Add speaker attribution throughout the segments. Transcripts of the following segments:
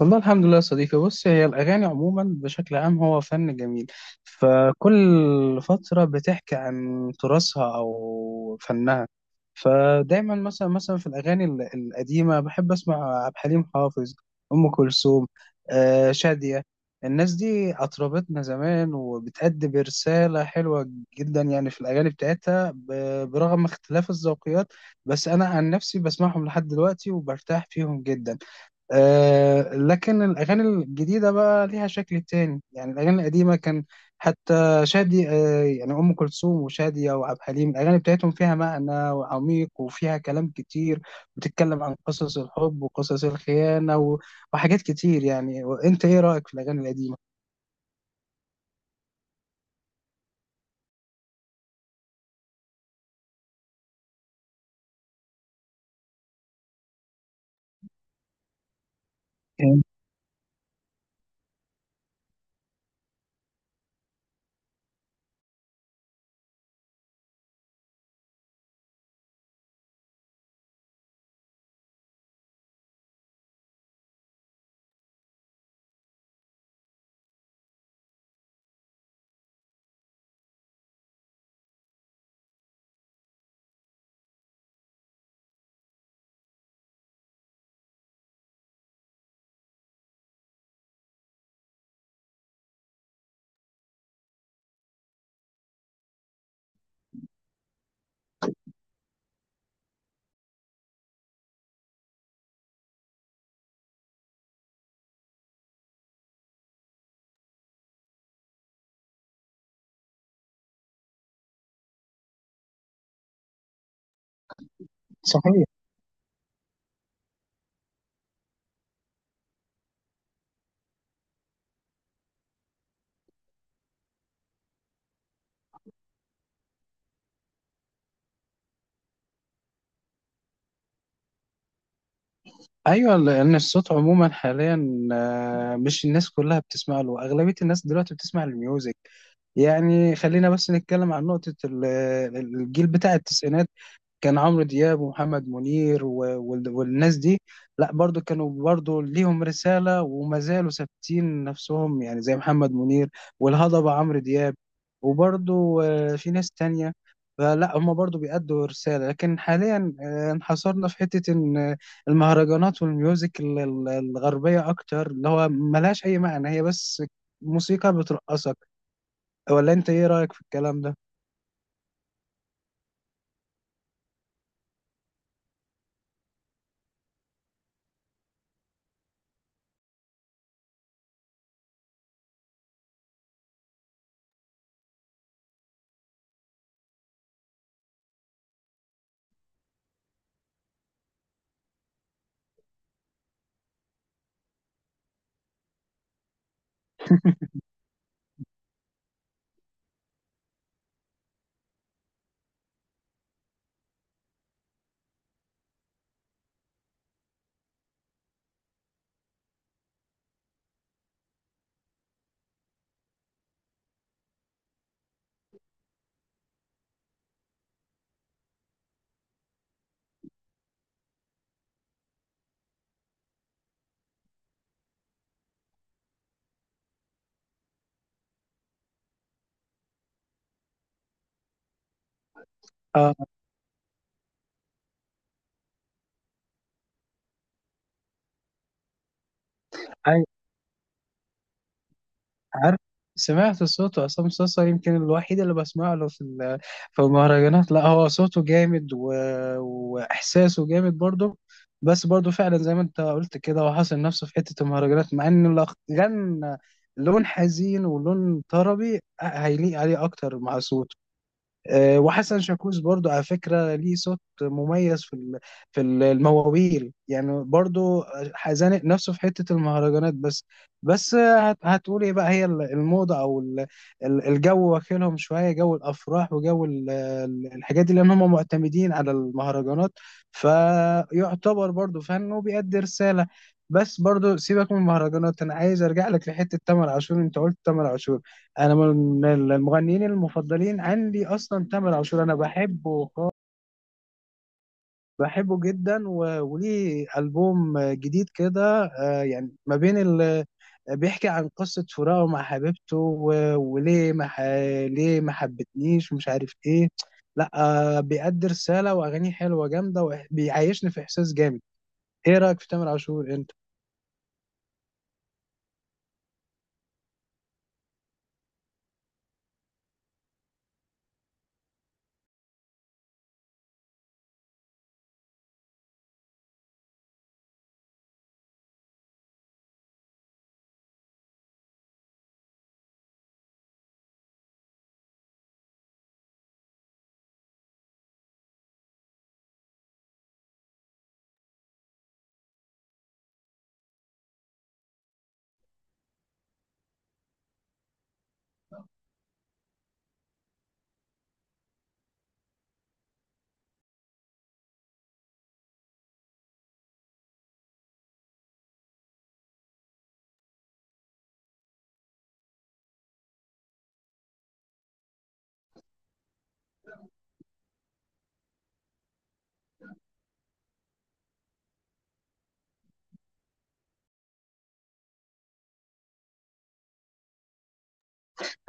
Speaker 1: والله الحمد لله يا صديقي. بص، هي الأغاني عموما بشكل عام هو فن جميل. فكل فترة بتحكي عن تراثها أو فنها. فدايما مثلا في الأغاني القديمة بحب أسمع عبد الحليم حافظ، أم كلثوم، شادية. الناس دي أطربتنا زمان وبتأدي برسالة حلوة جدا، يعني في الأغاني بتاعتها برغم اختلاف الذوقيات. بس أنا عن نفسي بسمعهم لحد دلوقتي وبرتاح فيهم جدا. آه، لكن الأغاني الجديدة بقى ليها شكل تاني. يعني الأغاني القديمة كان حتى شادي آه يعني أم كلثوم وشادية وعبد الحليم الأغاني بتاعتهم فيها معنى وعميق وفيها كلام كتير، بتتكلم عن قصص الحب وقصص الخيانة وحاجات كتير يعني. وأنت إيه رأيك في الأغاني القديمة؟ صحيح. ايوه، لان الصوت عموما حاليا، مش الناس كلها بتسمع له، اغلبيه الناس دلوقتي بتسمع الميوزك. يعني خلينا بس نتكلم عن الجيل بتاع التسعينات. كان عمرو دياب ومحمد منير والناس دي. لا، برضو كانوا برضو ليهم رسالة وما زالوا ثابتين نفسهم، يعني زي محمد منير والهضبة عمرو دياب. وبرضو في ناس تانية. فلا، هما برضو بيأدوا رسالة. لكن حاليا انحصرنا في حتة إن المهرجانات والميوزك الغربية أكتر، اللي هو ملهاش أي معنى، هي بس موسيقى بترقصك. ولا أنت إيه رأيك في الكلام ده؟ اه، عارف. سمعت صوته عصام صاصا. يمكن الوحيد اللي بسمع له في المهرجانات. لا، هو صوته جامد واحساسه جامد برضه. بس برضه فعلا زي ما انت قلت كده، هو حاصر نفسه في حته المهرجانات، مع ان لو غنى لون حزين ولون طربي، هيليق عليه اكتر مع صوته. وحسن شاكوش برضو على فكرة ليه صوت مميز المواويل يعني، برضو زانق نفسه في حتة المهرجانات بس. بس هتقول ايه بقى، هي الموضة او الجو واكلهم شوية، جو الافراح وجو الحاجات دي، لان هم معتمدين على المهرجانات، فيعتبر برضو فن وبيأدي رسالة. بس برضو سيبك من المهرجانات، انا عايز ارجع لك لحتة تامر عاشور. انت قلت تامر عاشور، انا من المغنيين المفضلين عندي اصلا تامر عاشور. انا بحبه خالص، بحبه جدا. وليه البوم جديد كده، يعني ما بين بيحكي عن قصة فراقه مع حبيبته، و... وليه ما ح... ليه ما حبتنيش ومش عارف ايه. لا، بيأدي رسالة واغانيه حلوة جامدة، وبيعيشني في احساس جامد. ايه رأيك في تامر عاشور انت؟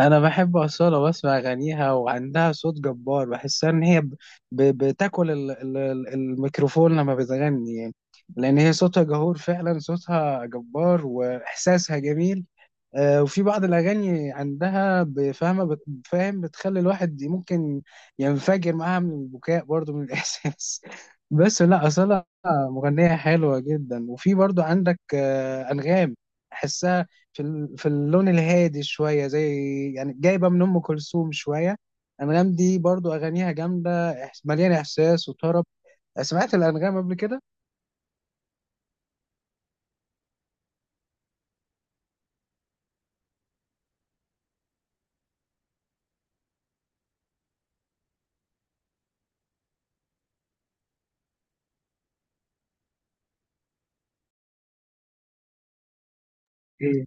Speaker 1: انا بحب اصاله واسمع اغانيها، وعندها صوت جبار. بحسها ان هي بتاكل الميكروفون لما بتغني، يعني لان هي صوتها جهور فعلا، صوتها جبار واحساسها جميل. وفي بعض الأغاني عندها بفهمة فاهم، بتخلي الواحد ممكن ينفجر معاها من البكاء برضو من الإحساس. بس لا، أصلا مغنية حلوة جدا. وفي برضو عندك أنغام. أحسها في اللون الهادي شوية، زي يعني جايبة من أم كلثوم شوية. أنغام دي برضو أغانيها جامدة، مليانة إحساس وطرب. سمعت الأنغام قبل كده؟ إيه.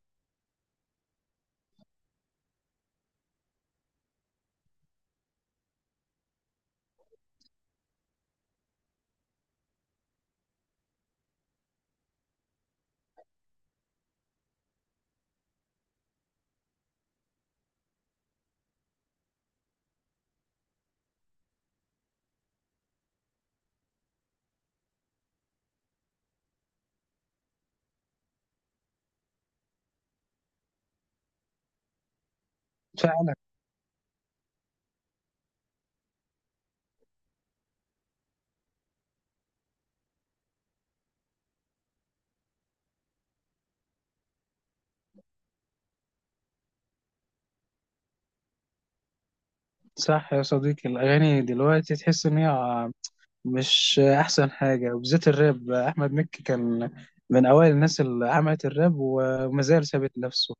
Speaker 1: فعلا صح يا صديقي، الأغاني دلوقتي تحس إن هي مش احسن حاجه. وبالذات الراب، احمد مكي كان من اوائل الناس اللي عملت الراب وما زال ثابت نفسه.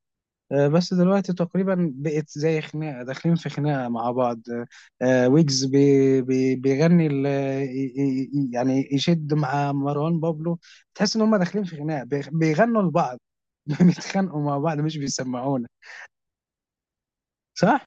Speaker 1: بس دلوقتي تقريبا بقت زي خناقه، داخلين في خناقه مع بعض. ويجز بي بي بيغني يعني يشد مع مروان بابلو. تحس ان هم داخلين في خناقه، بيغنوا لبعض. بيتخانقوا مع بعض مش بيسمعونا. صح.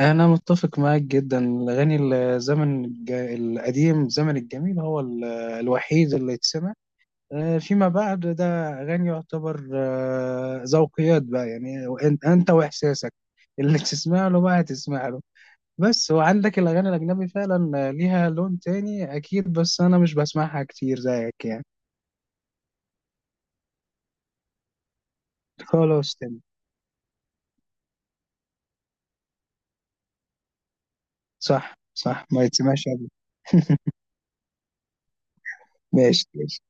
Speaker 1: أنا متفق معاك جدا. الأغاني الزمن القديم، زمن الجميل، هو الوحيد اللي يتسمع. فيما بعد ده أغاني يعتبر ذوقيات بقى. يعني أنت وإحساسك اللي تسمع له بقى هتسمع له بس. وعندك الأغاني الأجنبي فعلا ليها لون تاني أكيد، بس أنا مش بسمعها كتير زيك يعني. خلاص، تمام. صح، صح، ما يتسمعش أبدا. ماشي، ماشي.